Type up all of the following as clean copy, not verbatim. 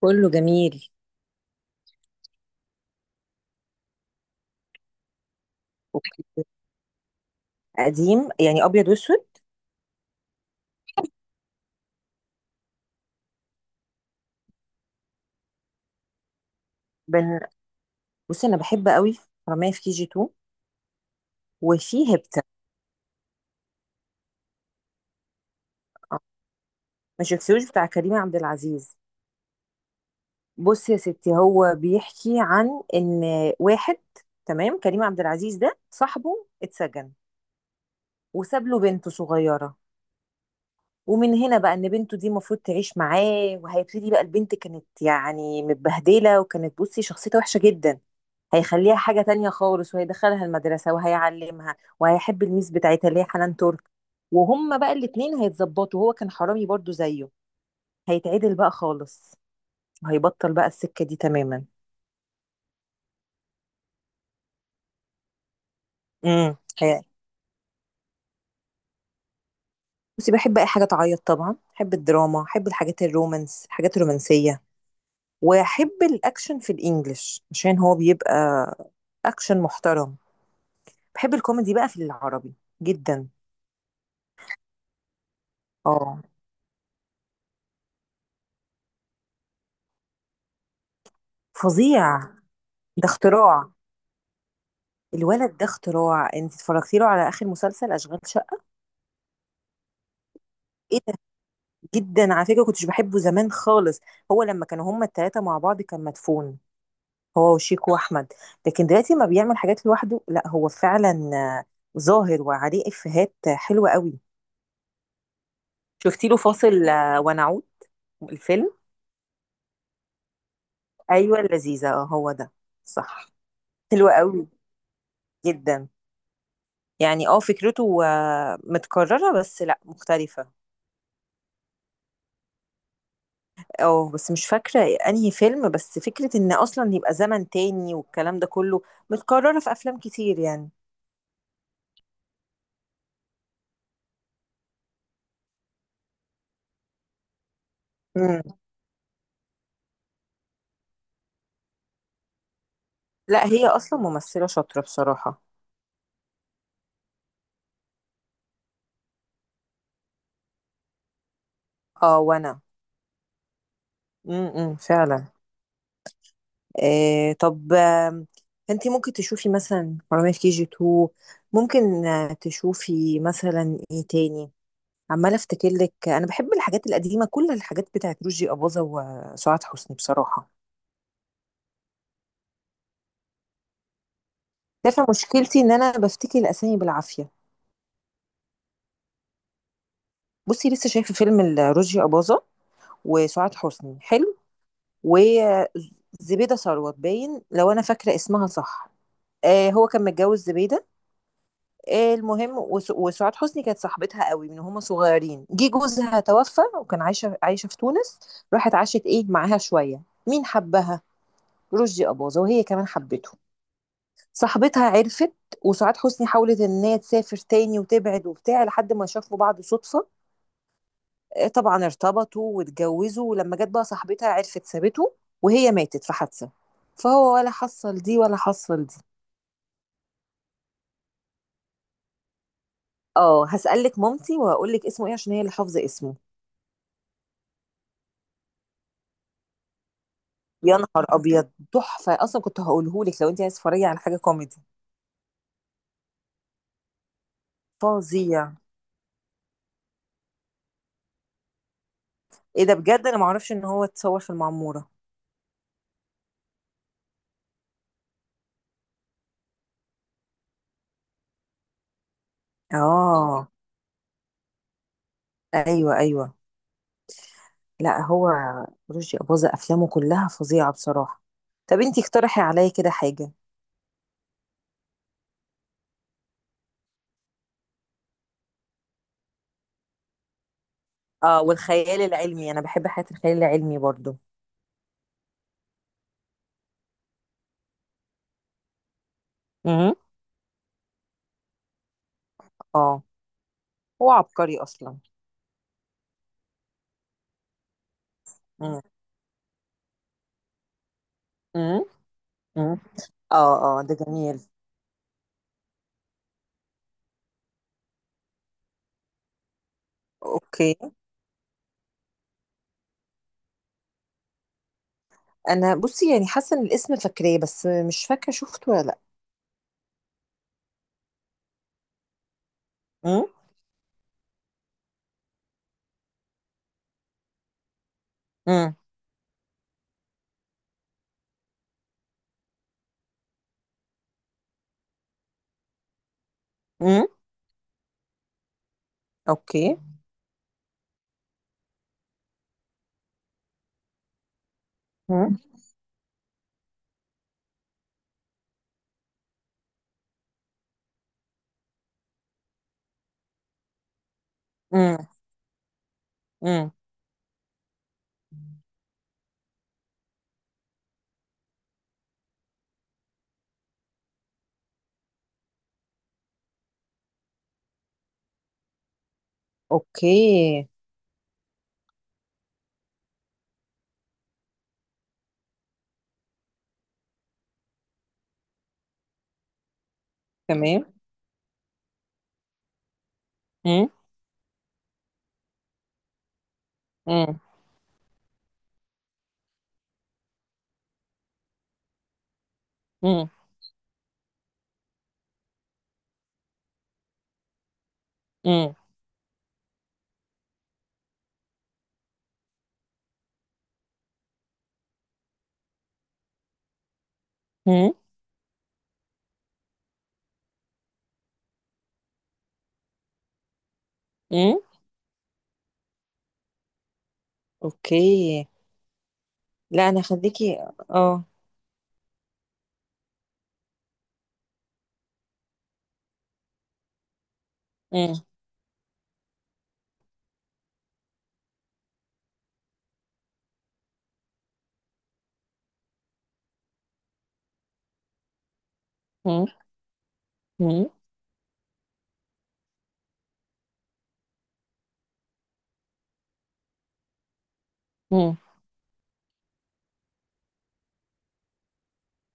كله جميل. اوكي. قديم يعني ابيض واسود؟ بن... بصي انا بحب قوي حرامية في كي جي 2 وفي هبتة. آه، ما شفتوش بتاع كريم عبد العزيز؟ بصي يا ستي، هو بيحكي عن ان واحد، تمام، كريم عبد العزيز ده صاحبه اتسجن وساب له بنته صغيرة. ومن هنا بقى ان بنته دي المفروض تعيش معاه وهيبتدي بقى، البنت كانت يعني متبهدلة وكانت، بصي، شخصيتها وحشة جدا. هيخليها حاجة تانية خالص وهيدخلها المدرسة وهيعلمها وهيحب الميس بتاعتها اللي هي حنان ترك. وهما بقى الاتنين هيتظبطوا، هو كان حرامي برضو زيه، هيتعدل بقى خالص وهيبطل بقى السكة دي تماما. امم هي- بصي بحب اي حاجة تعيط، طبعا بحب الدراما، بحب الحاجات الرومانس، الحاجات الرومانسية. واحب الاكشن في الانجليش عشان هو بيبقى اكشن محترم. بحب الكوميدي بقى في العربي جدا. اه، فظيع، ده اختراع. الولد ده اختراع. انت اتفرجتي له على اخر مسلسل اشغال شقه؟ ايه ده، جدا. على فكره كنتش بحبه زمان خالص. هو لما كانوا هما التلاته مع بعض كان مدفون، هو وشيك واحمد. لكن دلوقتي ما بيعمل حاجات لوحده، لا هو فعلا ظاهر وعليه افيهات حلوه قوي. شفتي له فاصل ونعود الفيلم؟ ايوه، اللذيذه، اه هو ده. صح، حلوه قوي جدا. يعني اه فكرته متكرره، بس لا، مختلفه. اه بس مش فاكرة انهي فيلم، بس فكرة ان اصلا يبقى زمن تاني والكلام ده كله متكررة في افلام كتير يعني. امم. لا هي اصلا ممثلة شاطرة بصراحة. اه وانا. فعلا. آه، طب. انتي ممكن تشوفي مثلا حرامية في كي جي 2، ممكن تشوفي مثلا ايه تاني. عمالة افتكر لك، انا بحب الحاجات القديمة، كل الحاجات بتاعت رشدي أباظة وسعاد حسني بصراحة. شايفة مشكلتي ان انا بفتكر الاسامي بالعافية. بُصّي، لسه شايفة فيلم ل رُشدي أباظة وسُعاد حسني، حلو، وز زبيدة ثروت باين، لو أنا فاكرة اسمها صح. هو كان متجوّز زبيدة. المهم وسُعاد حسني كانت صاحبتها أوي من وهُم صغيّرين. جِه جوزها توفّى، وكان عايشة في تونس. راحت عاشت، معاها شوية. مين حبّها؟ رُشدي أباظة، وهي كمان حبّته. صاحبتها عرفِت، وسُعاد حسني حاولت إن هي تسافر تاني وتبعد وبتاع، لحد ما شافوا بعض صُدفة. طبعا ارتبطوا واتجوزوا، ولما جت بقى صاحبتها عرفت، سابته. وهي ماتت في حادثة. فهو ولا حصل دي ولا حصل دي. اه، هسألك مامتي وهقول لك اسمه ايه عشان هي اللي حافظة اسمه. يا نهار ابيض، تحفة اصلا. كنت هقوله لك لو انت عايز تتفرجي على حاجة كوميدي. فظيع. ايه ده بجد، انا معرفش ان هو اتصور في المعمورة. اه، ايوه ايوه. لا هو رشدي أباظة افلامه كلها فظيعة بصراحة. طب انت اقترحي عليا كده حاجة. اه، والخيال العلمي انا بحب حياة الخيال العلمي برضو. امم. اه، هو عبقري اصلا. امم، امم، امم، اه، اه، ده جميل. اوكي. انا بصي يعني حاسه ان الاسم فاكراه، بس مش فاكره شفته ولا لا. امم، امم، امم، اوكي. امم، امم، امم. اوكي. تمام. امم، امم، امم، امم، امم، امم. اوكي. لا انا، خليكي. اه. امم، امم، امم،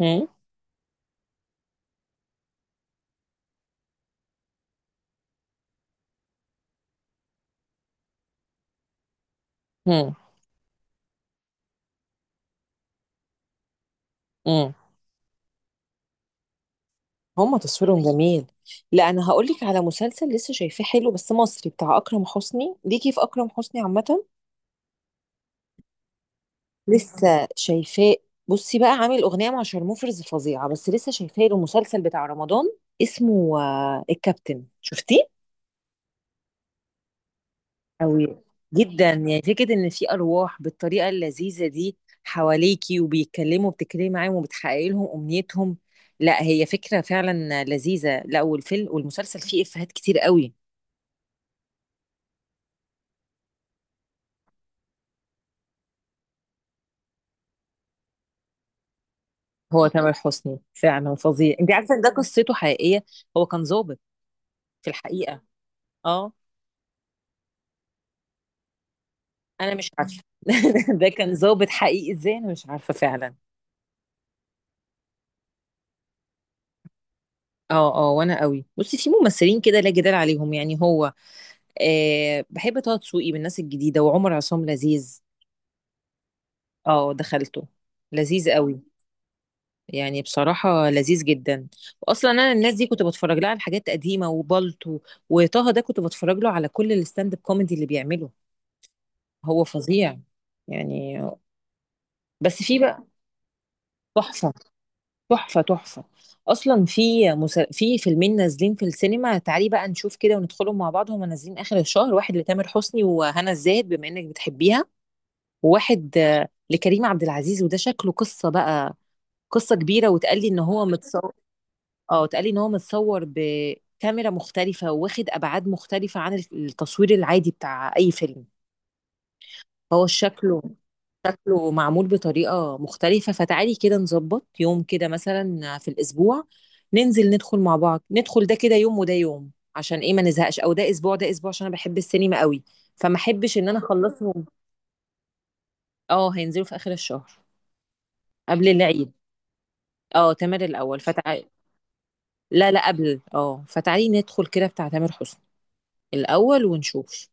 امم، امم. هما تصويرهم جميل. لا انا هقول لك على مسلسل لسه شايفاه، حلو بس مصري، بتاع اكرم حسني، ليكي في اكرم حسني عامه؟ لسه شايفاه. بصي بقى، عامل اغنيه مع شارموفرز فظيعه. بس لسه شايفاه له مسلسل بتاع رمضان اسمه الكابتن، شفتيه؟ قوي جدا. يعني فكره ان في ارواح بالطريقه اللذيذه دي حواليكي، وبيتكلموا، بتتكلمي معاهم وبتحققي لهم امنيتهم. لا هي فكره فعلا لذيذه. لا والفيلم والمسلسل فيه افيهات كتير قوي. هو تامر حسني فعلا فظيع. انت عارفه ان ده قصته حقيقيه؟ هو كان ضابط في الحقيقه. اه. انا مش عارفه ده كان ضابط حقيقي ازاي، انا مش عارفه فعلا. اه، اه، وانا قوي. بصي في ممثلين كده لا جدال عليهم، يعني هو بحب طه دسوقي من الناس الجديده، وعمر عصام لذيذ. اه، دخلته، لذيذ قوي. يعني بصراحة لذيذ جدا. وأصلا أنا الناس دي كنت بتفرج لها على حاجات قديمة، وبالطو وطه ده كنت بتفرج له على كل الستاند اب كوميدي اللي بيعمله. هو فظيع يعني. بس في بقى، تحفة تحفة تحفة. اصلا في في فيلمين نازلين في السينما، تعالي بقى نشوف كده وندخلهم مع بعض. هما نازلين اخر الشهر، واحد لتامر حسني وهنا الزاهد بما انك بتحبيها، وواحد لكريم عبد العزيز، وده شكله قصة بقى، قصة كبيرة، وتقال لي ان هو متصور. اه، وتقال لي ان هو متصور بكاميرا مختلفة، واخد ابعاد مختلفة عن التصوير العادي بتاع اي فيلم. فهو شكله، معمول بطريقة مختلفة. فتعالي كده نظبط يوم كده مثلا في الأسبوع، ننزل ندخل مع بعض، ندخل ده كده يوم وده يوم، عشان ايه ما نزهقش، او ده اسبوع ده اسبوع، عشان انا بحب السينما قوي فما احبش ان انا اخلصهم. اه، هينزلوا في اخر الشهر. قبل العيد. اه، تامر الاول، فتعالي. لا لا قبل، فتعالي ندخل كده بتاع تامر حسني الاول ونشوف،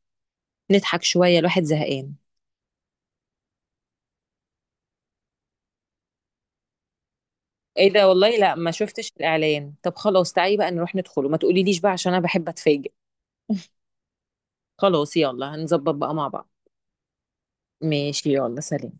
نضحك شوية الواحد زهقان. ايه ده والله، لا ما شفتش الاعلان. طب خلاص تعالي بقى نروح ندخله، ما تقوليليش بقى عشان انا بحب اتفاجئ. خلاص يلا، هنظبط بقى مع بعض. ماشي، يلا، سلام.